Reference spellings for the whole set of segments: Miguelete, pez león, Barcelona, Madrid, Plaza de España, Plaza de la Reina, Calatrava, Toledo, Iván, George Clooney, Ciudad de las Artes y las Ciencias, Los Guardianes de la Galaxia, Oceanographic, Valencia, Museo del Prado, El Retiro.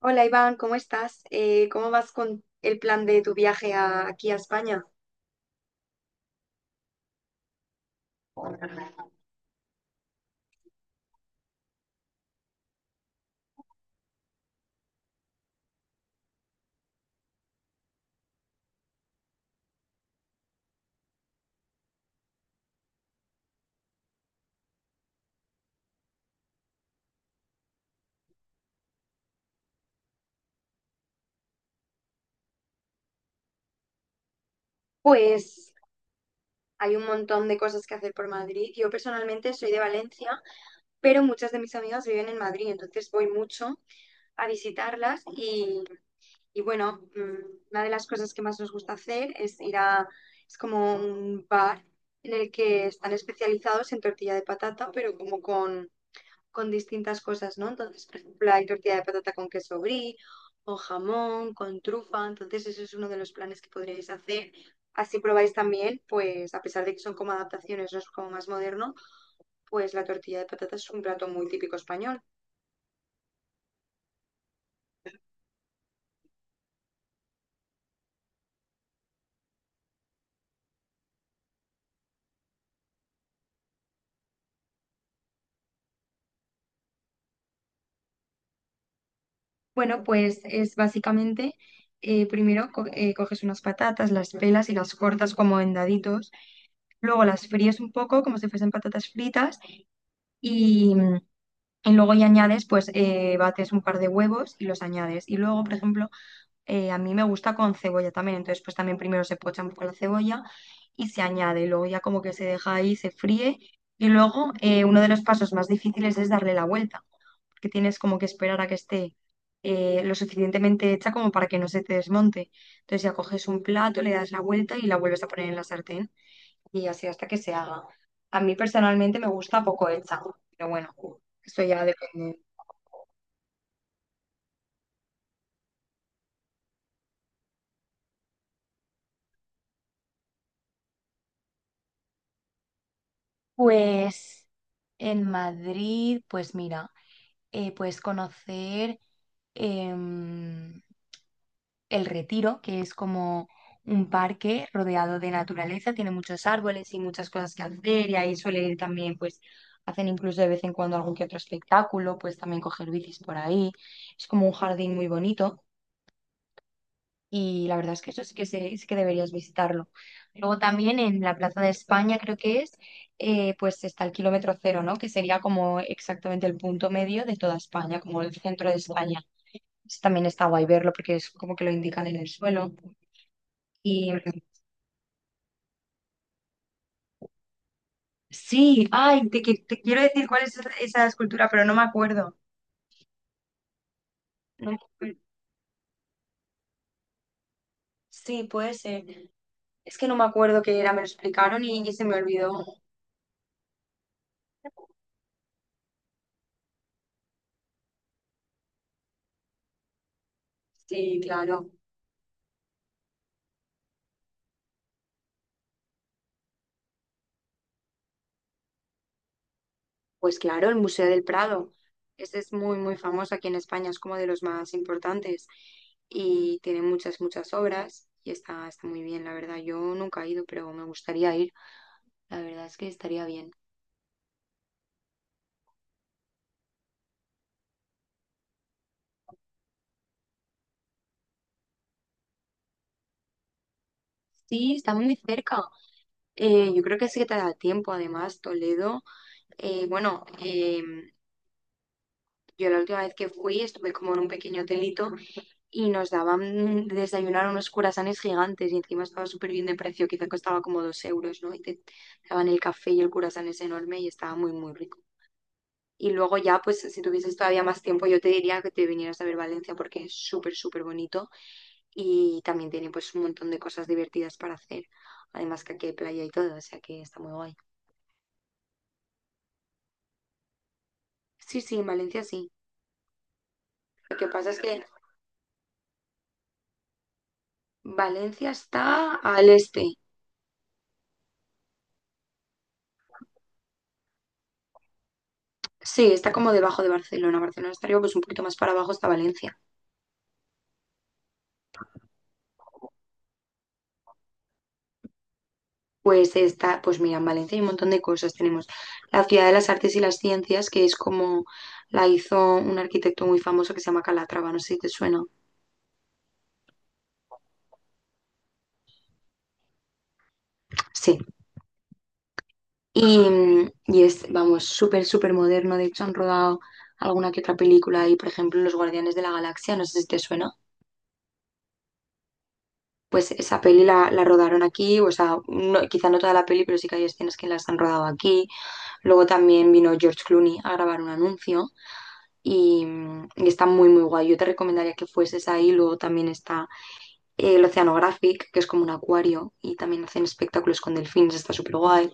Hola Iván, ¿cómo estás? ¿Cómo vas con el plan de tu viaje aquí a España? Pues hay un montón de cosas que hacer por Madrid. Yo personalmente soy de Valencia, pero muchas de mis amigas viven en Madrid, entonces voy mucho a visitarlas y bueno, una de las cosas que más nos gusta hacer es ir es como un bar en el que están especializados en tortilla de patata, pero como con distintas cosas, ¿no? Entonces, por ejemplo, hay tortilla de patata con queso brie o jamón con trufa, entonces eso es uno de los planes que podríais hacer. Así probáis también, pues a pesar de que son como adaptaciones, no es como más moderno, pues la tortilla de patata es un plato muy típico español. Bueno, pues es básicamente, primero coges unas patatas, las pelas y las cortas como en daditos, luego las fríes un poco como si fuesen patatas fritas. y, mm, Y luego ya añades, pues bates un par de huevos y los añades. Y luego, por ejemplo, a mí me gusta con cebolla también. Entonces, pues también primero se pocha un poco la cebolla y se añade. Y luego ya como que se deja ahí, se fríe. Y luego uno de los pasos más difíciles es darle la vuelta, porque tienes como que esperar a que esté lo suficientemente hecha como para que no se te desmonte. Entonces ya coges un plato, le das la vuelta y la vuelves a poner en la sartén y así hasta que se haga. A mí personalmente me gusta poco hecha, pero bueno, eso ya depende. Pues en Madrid, pues mira, puedes conocer em, El Retiro, que es como un parque rodeado de naturaleza, tiene muchos árboles y muchas cosas que hacer y ahí suele ir también, pues hacen incluso de vez en cuando algún que otro espectáculo, pues también coger bicis por ahí. Es como un jardín muy bonito. Y la verdad es que eso sí que, sí que deberías visitarlo. Luego también en la Plaza de España, creo que es, pues está el kilómetro cero, ¿no? Que sería como exactamente el punto medio de toda España, como el centro de España. Eso también está guay verlo porque es como que lo indican en el suelo. Y sí, ay, te quiero decir cuál es esa escultura, pero no me acuerdo. No me acuerdo. Sí, puede ser. Es que no me acuerdo qué era, me lo explicaron y se me olvidó. Sí, claro. Pues claro, el Museo del Prado. Este es muy, muy famoso aquí en España, es como de los más importantes y tiene muchas, muchas obras y está muy bien, la verdad. Yo nunca he ido, pero me gustaría ir. La verdad es que estaría bien. Sí, está muy cerca. Yo creo que sí que te da tiempo, además, Toledo. eh, bueno, eh, yo la última vez que fui estuve como en un pequeño hotelito y nos daban de desayunar unos curasanes gigantes y encima estaba súper bien de precio, quizá costaba como 2 euros, ¿no? Y te daban el café y el curasán es enorme y estaba muy, muy rico. Y luego ya, pues si tuvieses todavía más tiempo, yo te diría que te vinieras a ver Valencia porque es súper, súper bonito y también tiene pues un montón de cosas divertidas para hacer. Además que aquí hay playa y todo, o sea que está muy guay. Sí, sí, en Valencia sí. Lo que pasa es que Valencia está al este. Sí, está como debajo de Barcelona. Barcelona estaría pues un poquito más para abajo está Valencia. Pues está, pues mira, en Valencia hay un montón de cosas. Tenemos la Ciudad de las Artes y las Ciencias, que es como la hizo un arquitecto muy famoso que se llama Calatrava, no sé si te suena. Sí. Y es, vamos, súper, súper moderno. De hecho, han rodado alguna que otra película ahí, por ejemplo, Los Guardianes de la Galaxia, no sé si te suena. Pues esa peli la rodaron aquí, o sea, quizá no toda la peli, pero sí que hay escenas que las han rodado aquí. Luego también vino George Clooney a grabar un anuncio. y, y está muy, muy guay. Yo te recomendaría que fueses ahí. Luego también está el Oceanographic, que es como un acuario y también hacen espectáculos con delfines, está súper guay.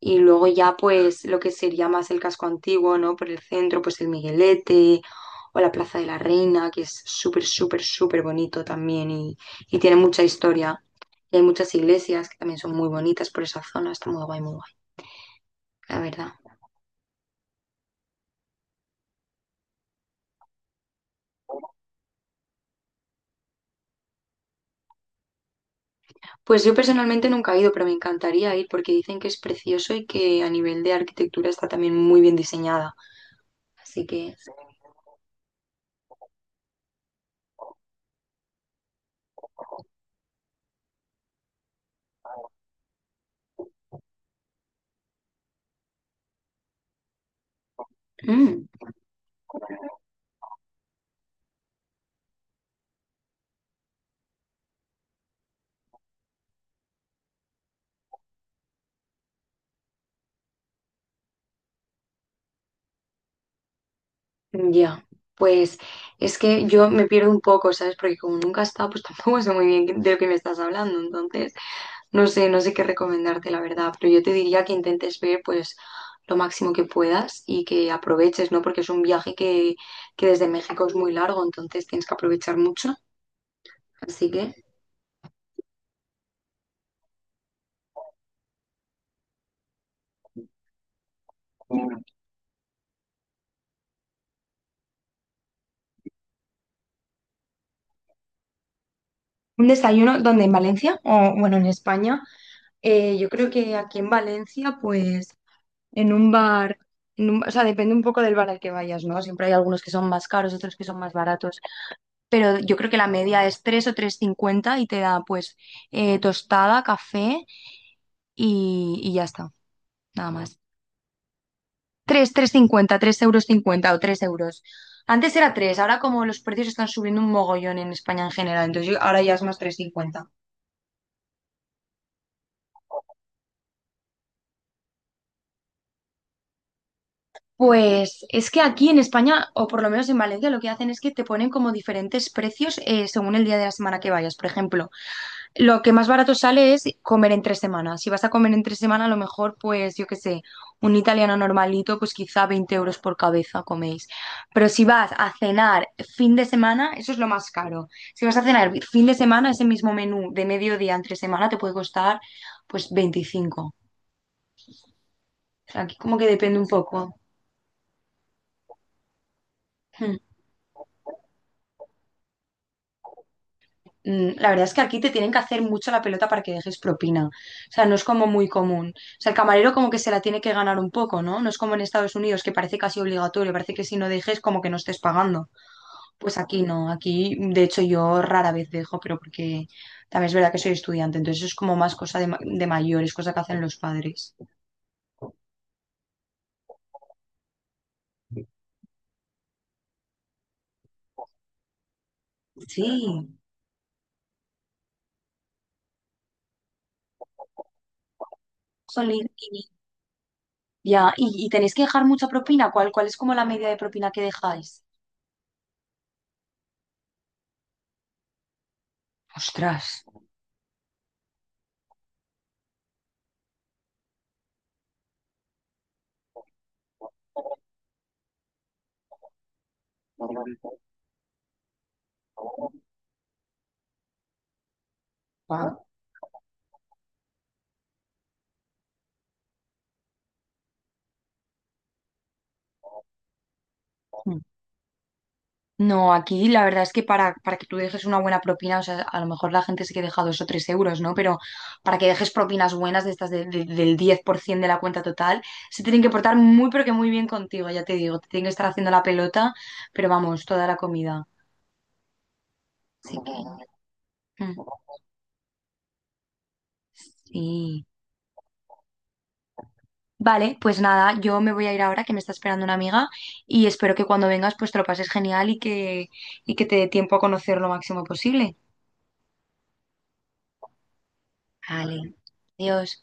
Y luego ya pues lo que sería más el casco antiguo, ¿no? Por el centro, pues el Miguelete o la Plaza de la Reina, que es súper, súper, súper bonito también y tiene mucha historia. Y hay muchas iglesias que también son muy bonitas por esa zona, está muy guay, la verdad. Pues yo personalmente nunca he ido, pero me encantaría ir porque dicen que es precioso y que a nivel de arquitectura está también muy bien diseñada. Así que, mm, ya. Pues es que yo me pierdo un poco, ¿sabes? Porque como nunca he estado, pues tampoco sé muy bien de lo que me estás hablando. Entonces, no sé qué recomendarte, la verdad, pero yo te diría que intentes ver, pues, lo máximo que puedas y que aproveches, ¿no? Porque es un viaje que desde México es muy largo, entonces tienes que aprovechar mucho. Así que... Un desayuno donde en Valencia, o bueno, en España, yo creo que aquí en Valencia, pues en un bar, o sea, depende un poco del bar al que vayas, ¿no? Siempre hay algunos que son más caros, otros que son más baratos, pero yo creo que la media es 3 o tres cincuenta y te da pues tostada, café y ya está, nada más. Tres, tres cincuenta, tres euros cincuenta o 3 euros. Antes era tres, ahora como los precios están subiendo un mogollón en España en general, entonces ahora ya es más tres cincuenta. Pues es que aquí en España, o por lo menos en Valencia, lo que hacen es que te ponen como diferentes precios según el día de la semana que vayas. Por ejemplo, lo que más barato sale es comer entre semanas. Si vas a comer entre semana, a lo mejor, pues yo qué sé, un italiano normalito, pues quizá 20 euros por cabeza coméis. Pero si vas a cenar fin de semana, eso es lo más caro. Si vas a cenar fin de semana, ese mismo menú de mediodía entre semana te puede costar pues 25. O sea, aquí como que depende un poco. Hmm. La verdad es que aquí te tienen que hacer mucho la pelota para que dejes propina. O sea, no es como muy común. O sea, el camarero como que se la tiene que ganar un poco, ¿no? No es como en Estados Unidos, que parece casi obligatorio, parece que si no dejes como que no estés pagando. Pues aquí no, aquí de hecho yo rara vez dejo, pero porque también es verdad que soy estudiante, entonces eso es como más cosa de mayores, cosa que hacen los padres. Sí, jolín, ya, y tenéis que dejar mucha propina, cuál es como la media de propina que dejáis? Ostras, guau. No, aquí la verdad es que para que tú dejes una buena propina, o sea, a lo mejor la gente sí que deja 2 o 3 euros, ¿no? Pero para que dejes propinas buenas de estas del 10% de la cuenta total, se tienen que portar muy, pero que muy bien contigo, ya te digo, te tienen que estar haciendo la pelota, pero vamos, toda la comida. Así que, mm, sí. Vale, pues nada, yo me voy a ir ahora que me está esperando una amiga y espero que cuando vengas pues te lo pases genial y que te dé tiempo a conocer lo máximo posible. Vale, adiós.